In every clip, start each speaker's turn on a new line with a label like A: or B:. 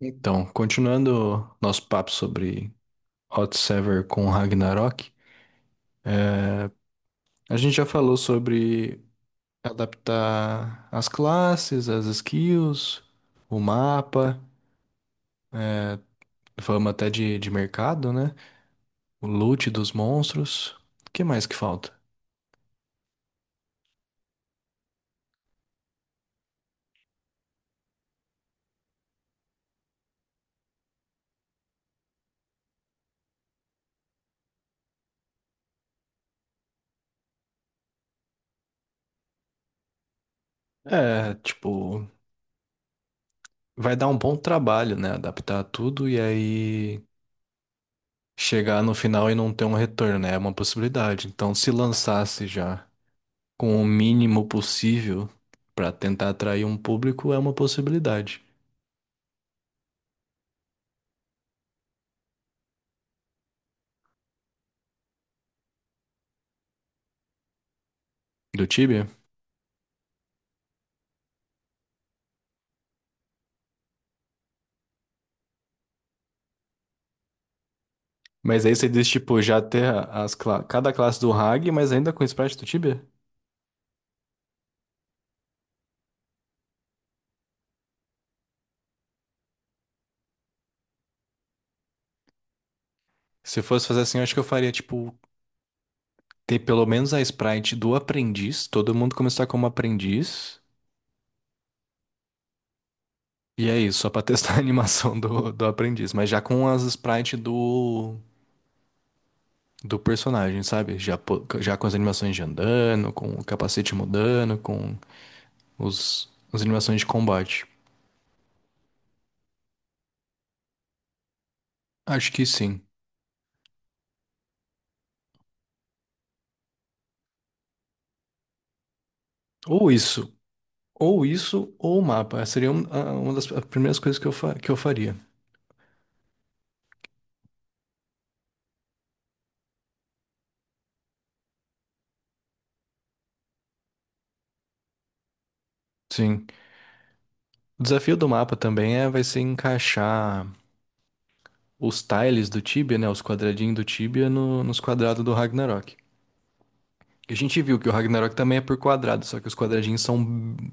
A: Então, continuando nosso papo sobre Hot Sever com Ragnarok, é, a gente já falou sobre adaptar as classes, as skills, o mapa, é, falamos até de mercado, né? O loot dos monstros. O que mais que falta? É, tipo, vai dar um bom trabalho, né? Adaptar tudo e aí chegar no final e não ter um retorno, né? É uma possibilidade. Então, se lançasse já, com o mínimo possível pra tentar atrair um público é uma possibilidade do Tibia. Mas aí você diz, tipo, já ter cada classe do Hag, mas ainda com o sprite do Tibia? Se eu fosse fazer assim, eu acho que eu faria, tipo, ter pelo menos a sprite do aprendiz, todo mundo começar como aprendiz. E é isso, só pra testar a animação do aprendiz. Mas já com as sprites do, do personagem, sabe? Já, já com as animações de andando, com o capacete mudando, com as animações de combate. Acho que sim. Ou isso, ou isso, ou o mapa. Seria uma das primeiras coisas que que eu faria. Sim. O desafio do mapa também é, vai ser encaixar os tiles do Tibia, né? Os quadradinhos do Tibia nos quadrados do Ragnarok. A gente viu que o Ragnarok também é por quadrado, só que os quadradinhos são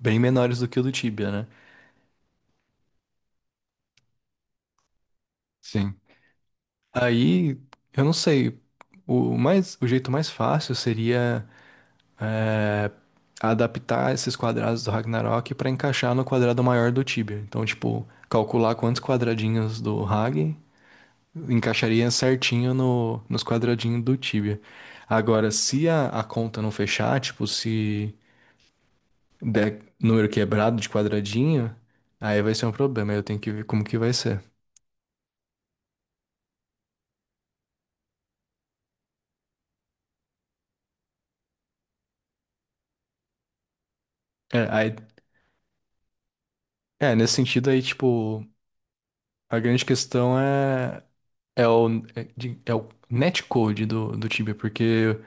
A: bem menores do que o do Tibia, né? Sim. Aí, eu não sei. O jeito mais fácil seria é, adaptar esses quadrados do Ragnarok para encaixar no quadrado maior do Tibia. Então, tipo, calcular quantos quadradinhos do Rag encaixaria certinho no, nos quadradinhos do Tibia. Agora, se a conta não fechar, tipo, se der número quebrado de quadradinho, aí vai ser um problema. Aí Eu tenho que ver como que vai ser. É, aí- É, nesse sentido aí, tipo, a grande questão é, é o, é o netcode do Tibia, porque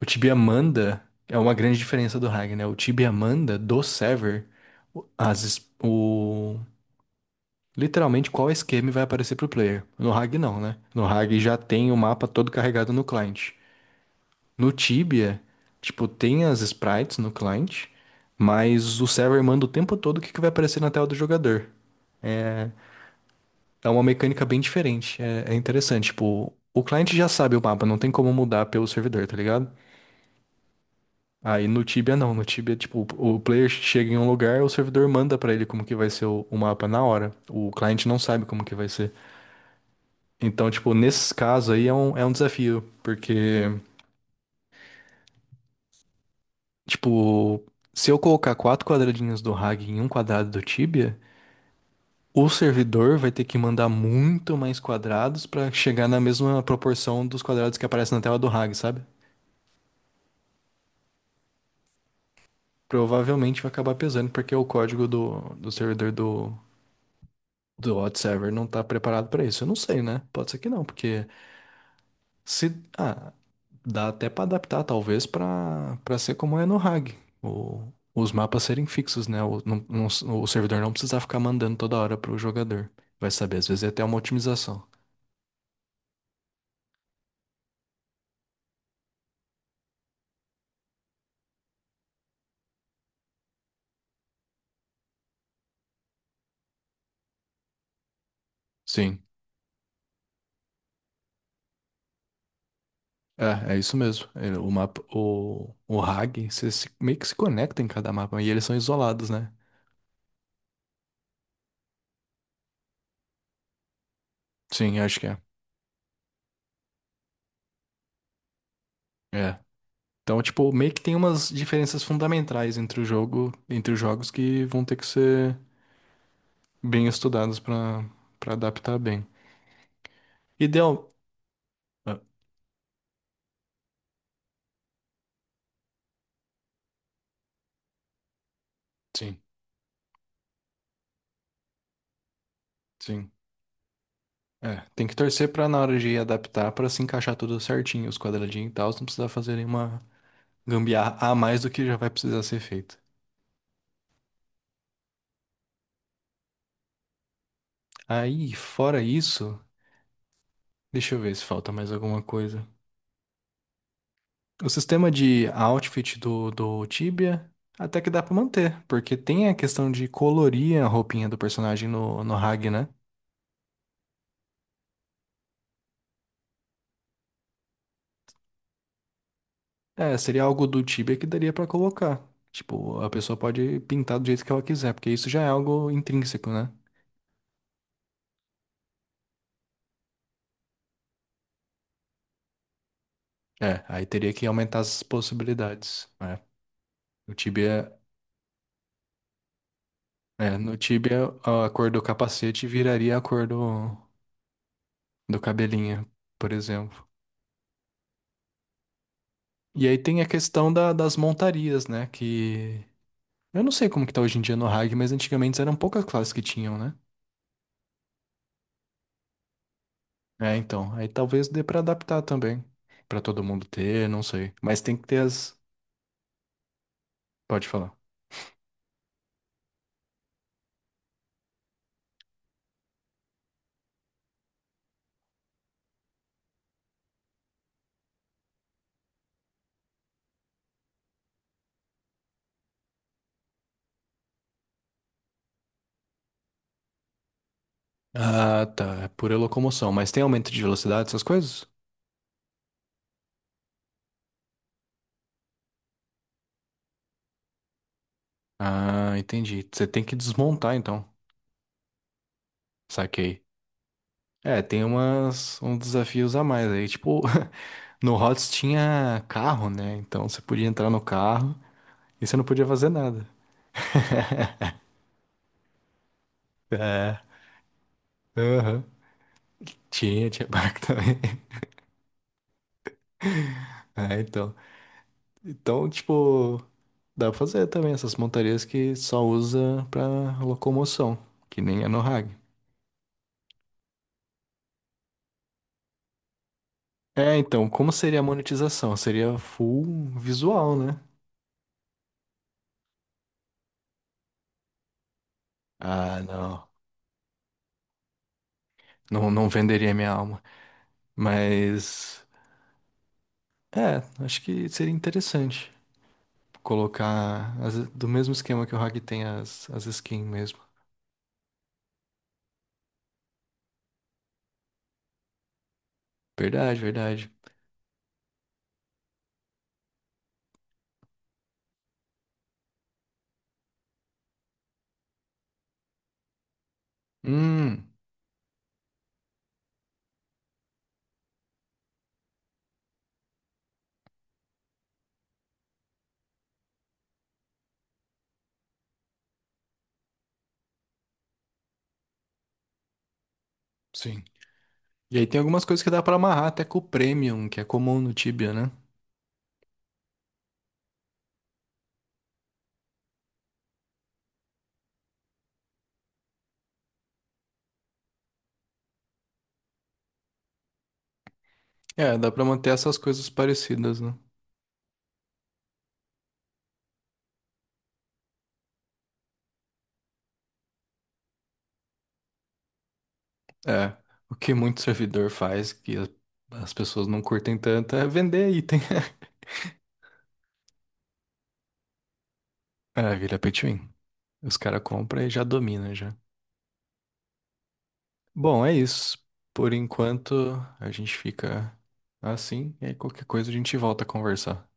A: O Tibia manda é uma grande diferença do Ragnar, né? O Tibia manda do server o- as es- o literalmente qual esquema vai aparecer pro player. No Rag não, né? No Rag já tem o mapa todo carregado no client. No Tibia, tipo, tem as sprites no client, mas o server manda o tempo todo o que que vai aparecer na tela do jogador. É uma mecânica bem diferente, é interessante, tipo, o cliente já sabe o mapa, não tem como mudar pelo servidor, tá ligado? Aí no Tibia não, no Tibia, tipo, o player chega em um lugar, o servidor manda pra ele como que vai ser o mapa na hora. O cliente não sabe como que vai ser. Então, tipo, nesses casos aí é é um desafio, porque, tipo, se eu colocar quatro quadradinhos do Rag em um quadrado do Tibia, o servidor vai ter que mandar muito mais quadrados pra chegar na mesma proporção dos quadrados que aparecem na tela do Rag, sabe? Provavelmente vai acabar pesando, porque é o código do servidor do do hot server não tá preparado pra isso. Eu não sei, né? Pode ser que não, porque se ah, dá até pra adaptar talvez pra para ser como é no RAG, os mapas serem fixos, né? O servidor não precisar ficar mandando toda hora pro jogador. Vai saber, às vezes é até uma otimização. Sim. É, é isso mesmo. O mapa, o RAG, você meio que se conecta em cada mapa e eles são isolados, né? Sim, acho que é. É. Então, tipo, meio que tem umas diferenças fundamentais entre o jogo, entre os jogos que vão ter que ser bem estudados pra para adaptar bem. Ideal. Ah, sim, sim. É, tem que torcer pra na hora de adaptar pra se encaixar tudo certinho, os quadradinhos e tal, não precisar fazer nenhuma gambiarra a mais do que já vai precisar ser feito. Aí, fora isso, deixa eu ver se falta mais alguma coisa. O sistema de outfit do Tibia até que dá pra manter, porque tem a questão de colorir a roupinha do personagem no Hag, né? É, seria algo do Tibia que daria pra colocar. Tipo, a pessoa pode pintar do jeito que ela quiser, porque isso já é algo intrínseco, né? É, aí teria que aumentar as possibilidades. É. O Tibia, no Tibia a cor do capacete viraria a cor do cabelinho, por exemplo. E aí tem a questão das montarias, né? Que eu não sei como que tá hoje em dia no RAG, mas antigamente eram poucas classes que tinham, né? É, então. Aí talvez dê pra adaptar também. Pra todo mundo ter, não sei. Mas tem que ter as. Pode falar. Ah, tá. É pura locomoção. Mas tem aumento de velocidade, essas coisas? Ah, entendi. Você tem que desmontar, então. Saquei. É, tem uns desafios a mais aí. Tipo, no HOTS tinha carro, né? Então você podia entrar no carro e você não podia fazer nada. É. Aham. Tinha, tinha barco também. É, então. Então, tipo, dá pra fazer também essas montarias que só usa pra locomoção, que nem a Nohag. É, então, como seria a monetização? Seria full visual, né? Ah, não. Não, não venderia minha alma. Mas, é, acho que seria interessante colocar do mesmo esquema que o Hag tem as skins mesmo. Verdade, verdade. Hum, sim. E aí tem algumas coisas que dá pra amarrar até com o Premium, que é comum no Tibia, né? É, dá pra manter essas coisas parecidas, né? É, o que muito servidor faz, que as pessoas não curtem tanto, é vender item. É, vira pay to win. Os caras compram e já domina já. Bom, é isso. Por enquanto, a gente fica assim, e aí qualquer coisa a gente volta a conversar.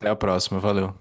A: Até a próxima, valeu.